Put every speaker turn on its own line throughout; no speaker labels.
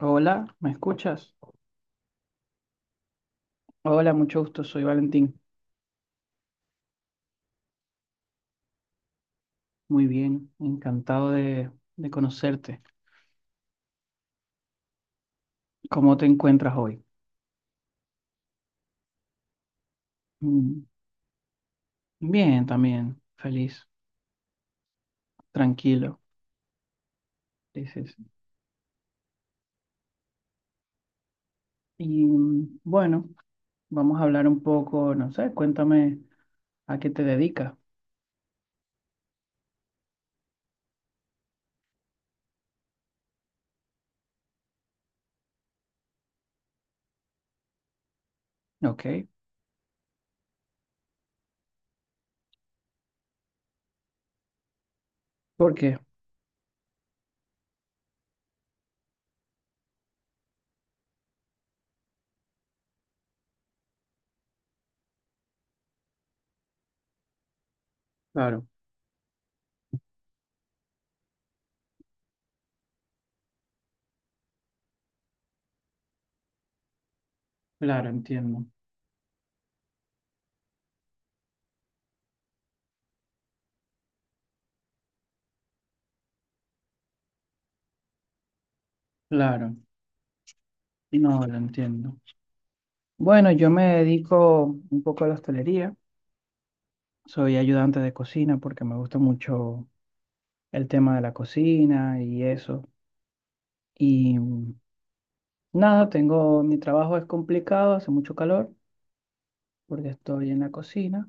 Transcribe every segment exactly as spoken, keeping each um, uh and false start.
Hola, ¿me escuchas? Hola, mucho gusto, soy Valentín. Muy bien, encantado de, de conocerte. ¿Cómo te encuentras hoy? Mm, Bien, también, feliz, tranquilo, dices. Y mm, bueno, vamos a hablar un poco, no sé, cuéntame a qué te dedicas, ¿ok? ¿Por qué? Claro, claro, entiendo, claro, no, lo entiendo. Bueno, yo me dedico un poco a la hostelería, soy ayudante de cocina porque me gusta mucho el tema de la cocina y eso. Y mm, nada, tengo, mi trabajo es complicado, hace mucho calor porque estoy en la cocina.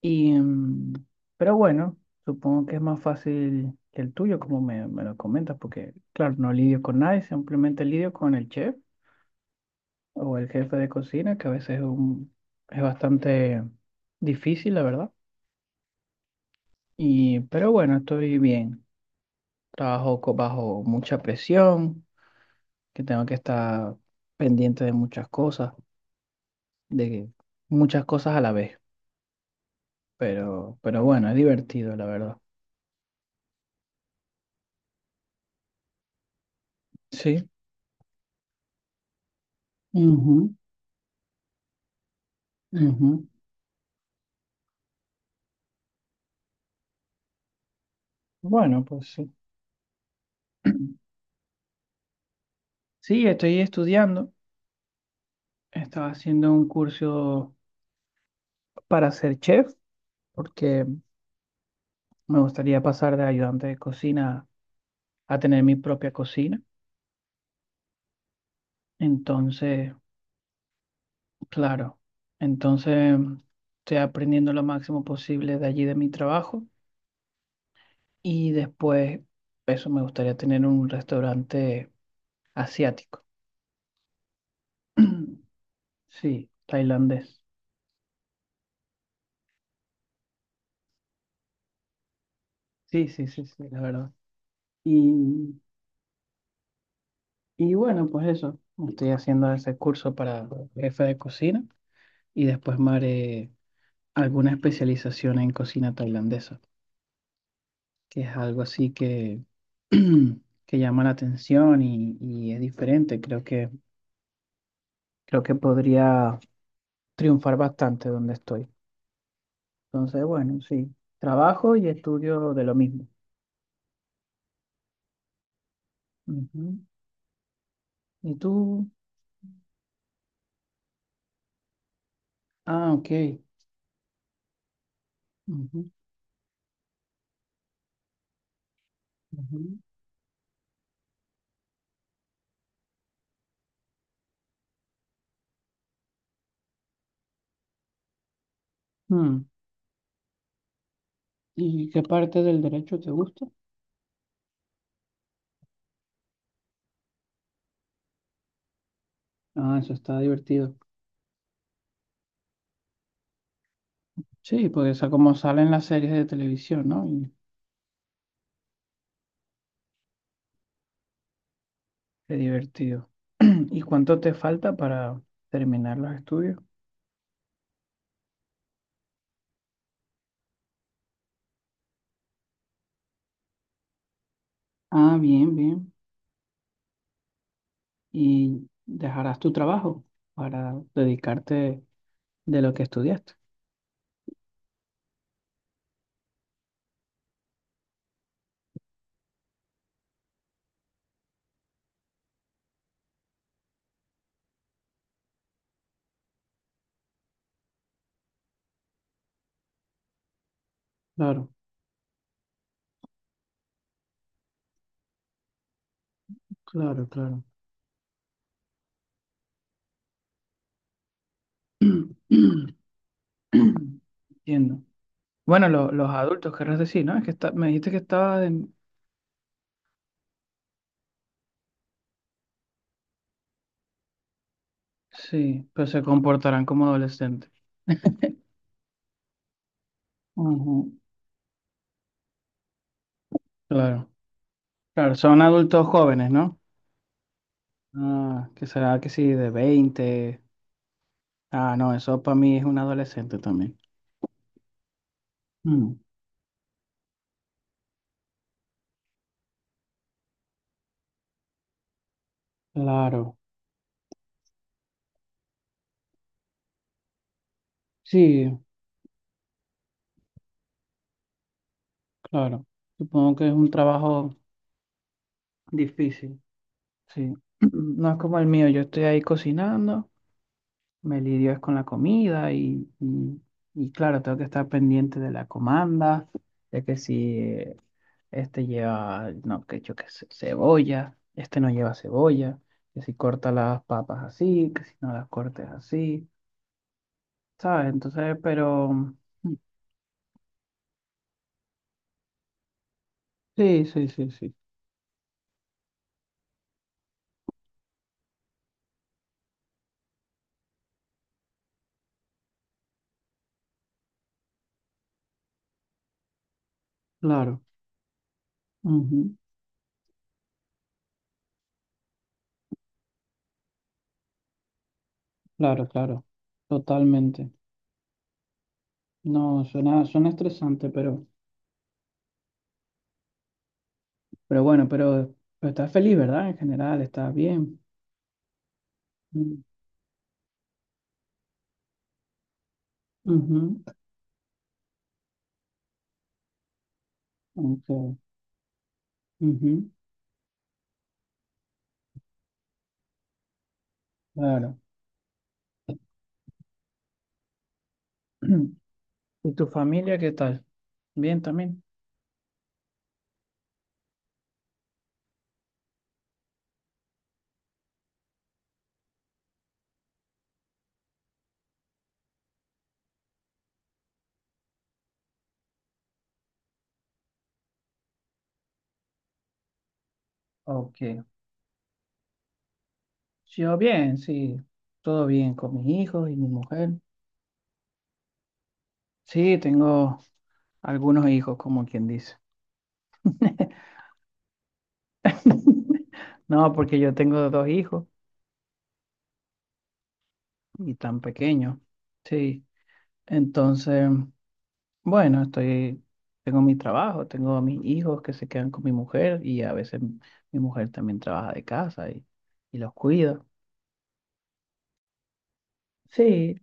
Y, mm, pero bueno, supongo que es más fácil que el tuyo, como me, me lo comentas, porque claro, no lidio con nadie, simplemente lidio con el chef o el jefe de cocina, que a veces es, un- es bastante difícil, la verdad. Y, pero bueno, estoy bien. Trabajo co- bajo mucha presión, que tengo que estar pendiente de muchas cosas, de muchas cosas a la vez. Pero, pero bueno, es divertido, la verdad. Sí. Ujú, ujú. Bueno, pues sí. Sí, estoy estudiando. Estaba haciendo un curso para ser chef, porque me gustaría pasar de ayudante de cocina a tener mi propia cocina. Entonces, claro, entonces estoy aprendiendo lo máximo posible de allí, de mi trabajo. Y después, eso, me gustaría tener un restaurante asiático. Sí, tailandés. Sí, sí, sí, sí, la verdad. Y, y bueno, pues eso. Estoy haciendo ese curso para jefe de cocina y después me haré alguna especialización en cocina tailandesa, que es algo así que, que llama la atención y, y es diferente. Creo que, creo que podría triunfar bastante donde estoy. Entonces, bueno, sí, trabajo y estudio de lo mismo. Ujú. ¿Y tú? Ah, ok. Ujú, ujú. Mm, ¿Y qué parte del derecho te gusta? Ah, eso está divertido. Sí, porque esa como sale en las series de televisión, ¿no? Y- qué divertido. ¿Y cuánto te falta para terminar los estudios? Ah, bien, bien. ¿Y dejarás tu trabajo para dedicarte de lo que estudiaste? Claro, claro, claro. Entiendo. Bueno, lo- los adultos, querrás decir, ¿no? Es que está- me dijiste que estaba en... Sí, pero se comportarán como adolescentes. Ujú. Claro, claro, son adultos jóvenes, ¿no? Ah, que será que sí, de veinte. Ah, no, eso para mí es un adolescente también. Mm, claro, sí, claro. Supongo que es un trabajo difícil, sí. No es como el mío, yo estoy ahí cocinando, me lidio es con la comida y, y, y claro, tengo que estar pendiente de la comanda, de que si eh, este lleva, no, que yo qué sé, cebolla, este no lleva cebolla, que si corta las papas así, que si no las cortes así, ¿sabes? Entonces, pero, mm. Sí, sí, sí, sí. Claro, ujú, claro, claro, totalmente. No, suena, suena estresante, pero, pero bueno, pero, pero estás feliz, ¿verdad? En general, estás bien. Mm, ujú, ok, ujú, claro. ¿Y tu familia qué tal? ¿Bien también? Ok. Yo bien, sí. Todo bien con mis hijos y mi mujer. Sí, tengo algunos hijos, como quien dice. No, porque yo tengo dos hijos y tan pequeños. Sí. Entonces, bueno, estoy, tengo mi trabajo, tengo a mis hijos que se quedan con mi mujer y a veces mi mujer también trabaja de casa y, y, los cuida. Sí,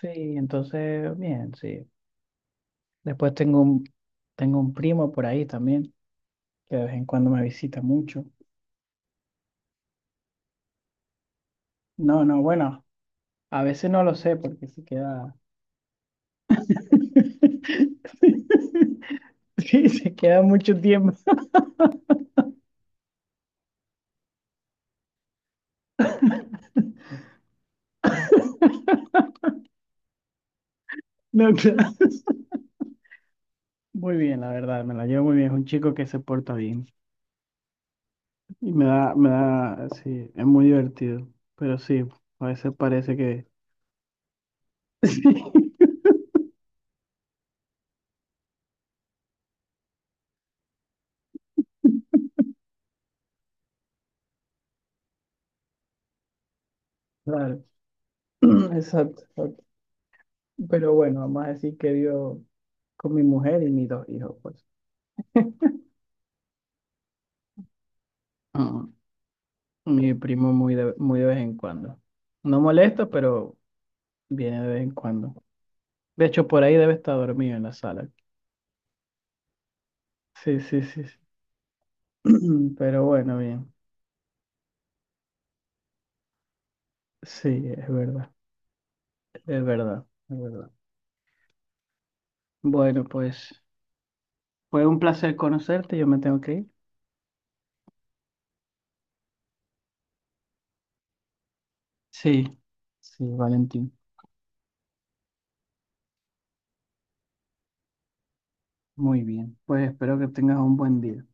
sí, entonces, bien, sí. Después tengo un, tengo un primo por ahí también, que de vez en cuando me visita mucho. No, no, bueno, a veces no lo sé porque se queda... Sí, se queda mucho tiempo. No, claro. Muy bien, la verdad, me la llevo muy bien. Es un chico que se porta bien. Y me da, me da, sí, es muy divertido. Pero sí, a veces parece que... Sí, claro, exacto, exacto. Pero bueno, vamos a decir que vivo con mi mujer y mis dos hijos, pues. Ah, mi primo muy de, muy de vez en cuando. No molesta, pero viene de vez en cuando. De hecho, por ahí debe estar dormido en la sala. Sí, sí, sí, sí. Pero bueno, bien. Sí, es verdad, es verdad, es verdad. Bueno, pues fue un placer conocerte. Yo me tengo que ir. Sí, sí, Valentín. Muy bien. Pues espero que tengas un buen día.